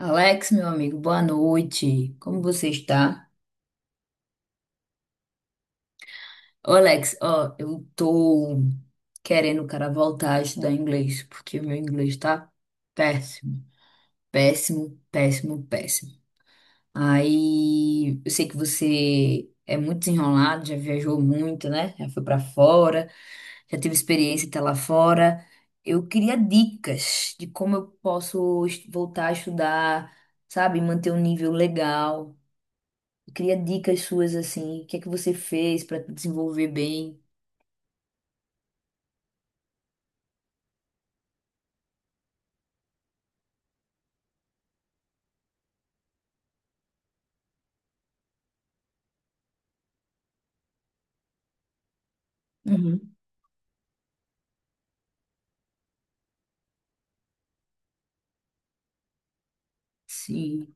Alex, meu amigo, boa noite. Como você está? Ô, Alex, ó, eu tô querendo, cara, voltar a estudar inglês, porque o meu inglês tá péssimo, péssimo, péssimo, péssimo. Aí, eu sei que você é muito desenrolado, já viajou muito, né? Já foi pra fora, já teve experiência até lá fora. Eu queria dicas de como eu posso voltar a estudar, sabe, manter um nível legal. Eu queria dicas suas assim. O que é que você fez para desenvolver bem? Uhum. Sim.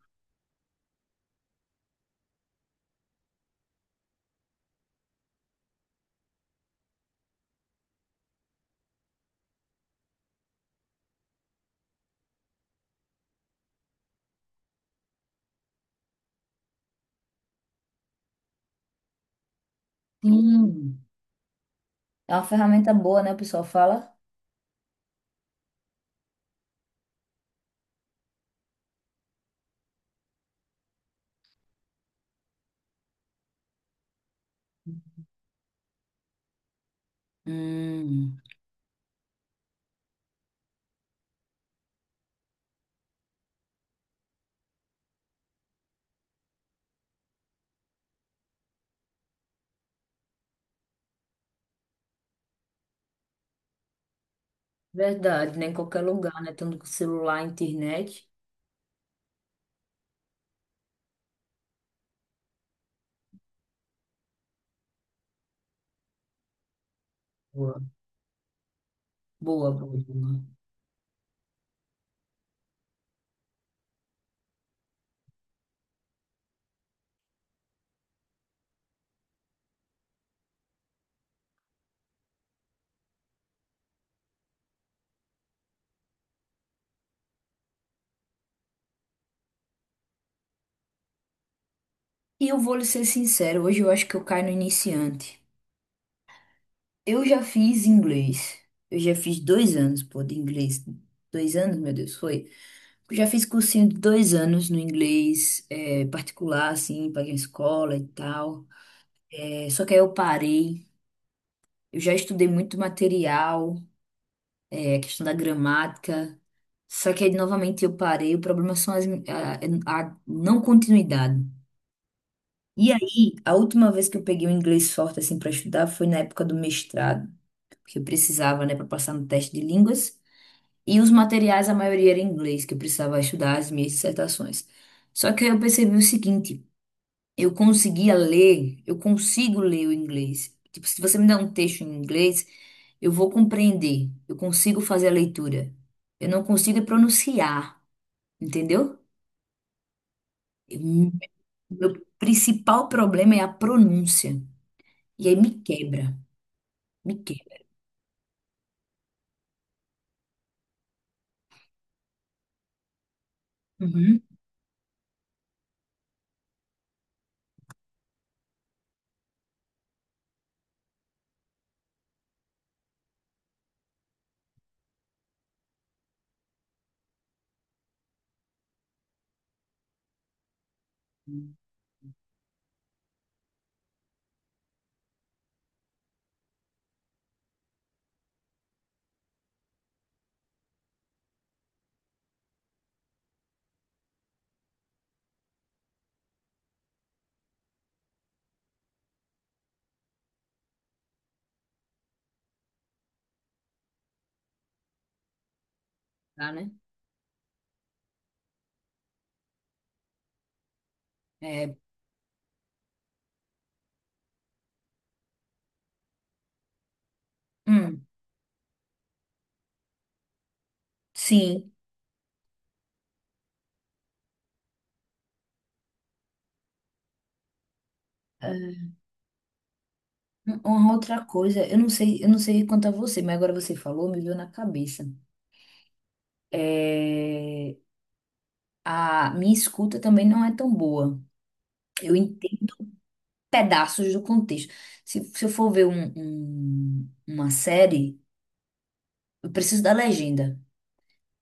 Sim. É uma ferramenta boa, né? O pessoal fala. Hum, verdade, né? Em qualquer lugar, né? Tanto com celular, internet. Boa. Boa, boa, boa. E eu vou lhe ser sincero, hoje eu acho que eu caio no iniciante. Eu já fiz inglês. Eu já fiz 2 anos, pô, de inglês. 2 anos, meu Deus, foi. Eu já fiz cursinho de 2 anos no inglês, particular, assim, paguei a escola e tal. É, só que aí eu parei. Eu já estudei muito material, é, a questão da gramática. Só que aí novamente eu parei. O problema são as, a não continuidade. E aí, a última vez que eu peguei o inglês forte assim para estudar foi na época do mestrado, que eu precisava, né, para passar no teste de línguas. E os materiais, a maioria era em inglês, que eu precisava estudar as minhas dissertações. Só que aí eu percebi o seguinte. Eu conseguia ler, eu consigo ler o inglês. Tipo, se você me dá um texto em inglês, eu vou compreender. Eu consigo fazer a leitura. Eu não consigo pronunciar, entendeu? Eu- Meu principal problema é a pronúncia. E aí me quebra, me quebra. Uhum. Tá, né? É, hum, sim. É, uma outra coisa, eu não sei quanto a você, mas agora você falou, me veio na cabeça. É, a minha escuta também não é tão boa. Eu entendo pedaços do contexto. Se eu for ver uma série, eu preciso da legenda.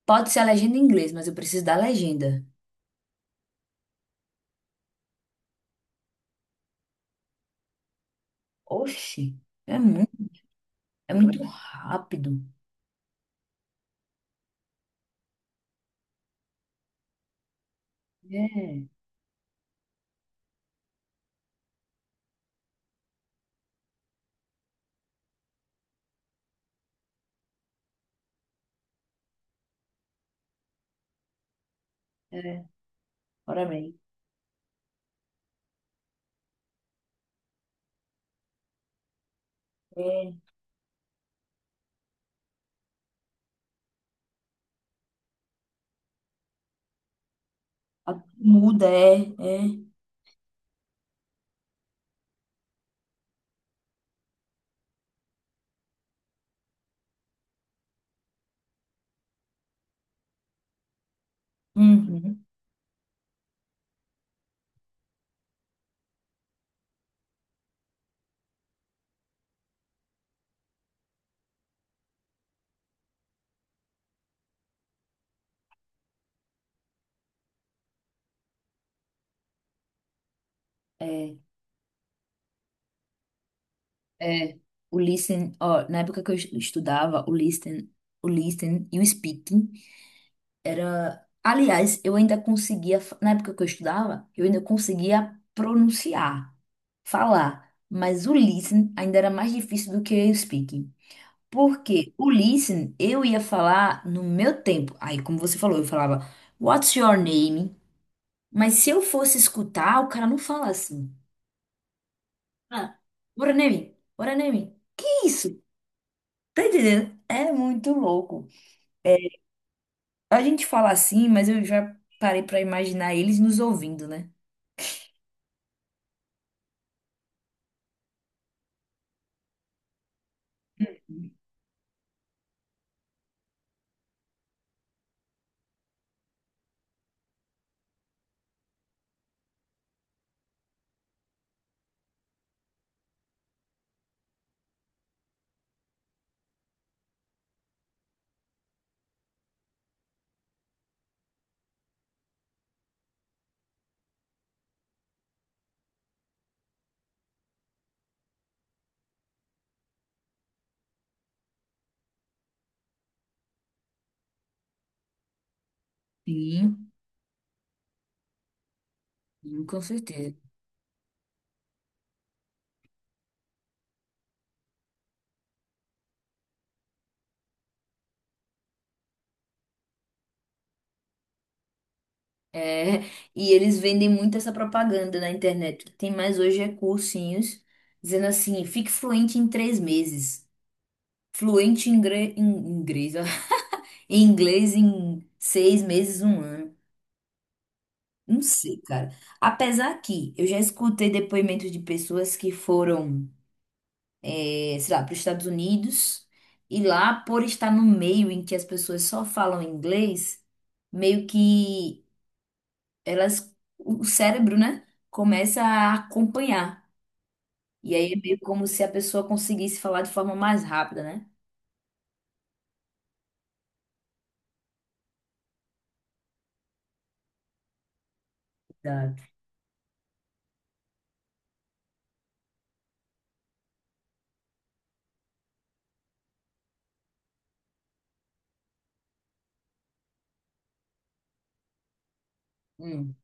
Pode ser a legenda em inglês, mas eu preciso da legenda. Oxi, é muito, é muito rápido. É, é, ora bem. É, muda, é, é. Uhum, é, é. O listen, ó, na época que eu estudava, o listen e o speaking. Era, aliás, eu ainda conseguia, na época que eu estudava, eu ainda conseguia pronunciar, falar, mas o listening ainda era mais difícil do que o speaking. Porque o listening eu ia falar no meu tempo. Aí, como você falou, eu falava What's your name? Mas se eu fosse escutar, o cara não fala assim. Ah, what a name? What a name? Que isso? Tá entendendo? É muito louco. É, a gente fala assim, mas eu já parei pra imaginar eles nos ouvindo, né? Sim, sim, com certeza. É, e eles vendem muito essa propaganda na internet. O que tem mais hoje é cursinhos dizendo assim: fique fluente em 3 meses, fluente em, em inglês, ó, em inglês em 6 meses, um ano. Não sei, cara. Apesar que eu já escutei depoimentos de pessoas que foram, sei lá, para os Estados Unidos e lá, por estar no meio em que as pessoas só falam inglês, meio que, elas, o cérebro, né, começa a acompanhar. E aí é meio como se a pessoa conseguisse falar de forma mais rápida, né? Exato. Hum.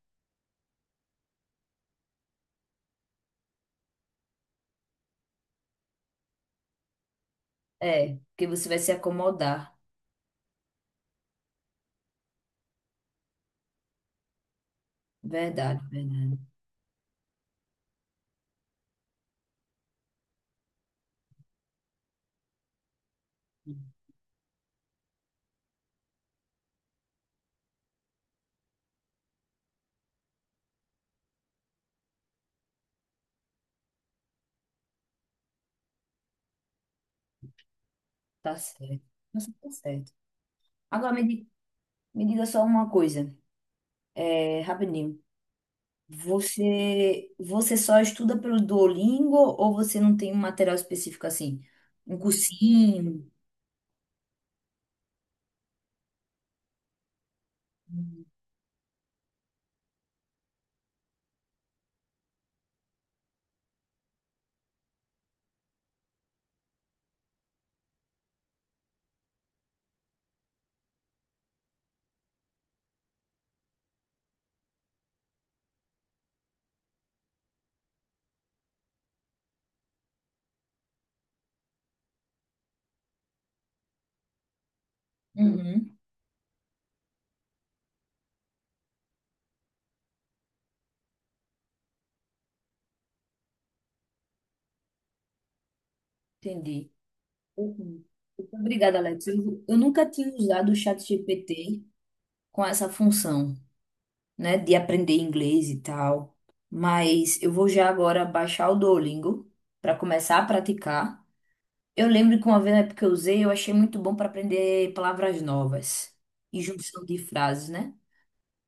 É, porque você vai se acomodar. Verdade, verdade. Tá certo. Nossa, tá certo. Agora me diga só uma coisa, é, rapidinho. Você só estuda pelo Duolingo ou você não tem um material específico assim? Um cursinho? Uhum, entendi. Uhum. Obrigada, Alex. Eu nunca tinha usado o ChatGPT com essa função, né, de aprender inglês e tal, mas eu vou já agora baixar o Duolingo para começar a praticar. Eu lembro que uma vez na época que eu usei, eu achei muito bom para aprender palavras novas e junção de frases, né?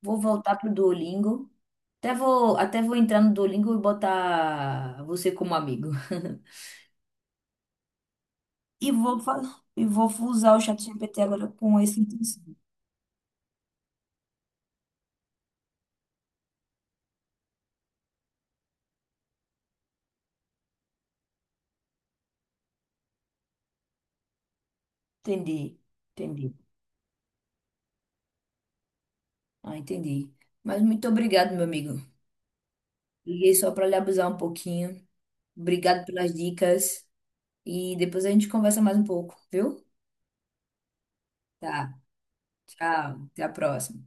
Vou voltar pro Duolingo. Até vou entrar no Duolingo e botar você como amigo. E vou, fa- e vou usar o ChatGPT agora com esse intenção. Entendi, entendi. Ah, entendi. Mas muito obrigado, meu amigo. Liguei só para lhe abusar um pouquinho. Obrigado pelas dicas. E depois a gente conversa mais um pouco, viu? Tá, tchau. Até a próxima.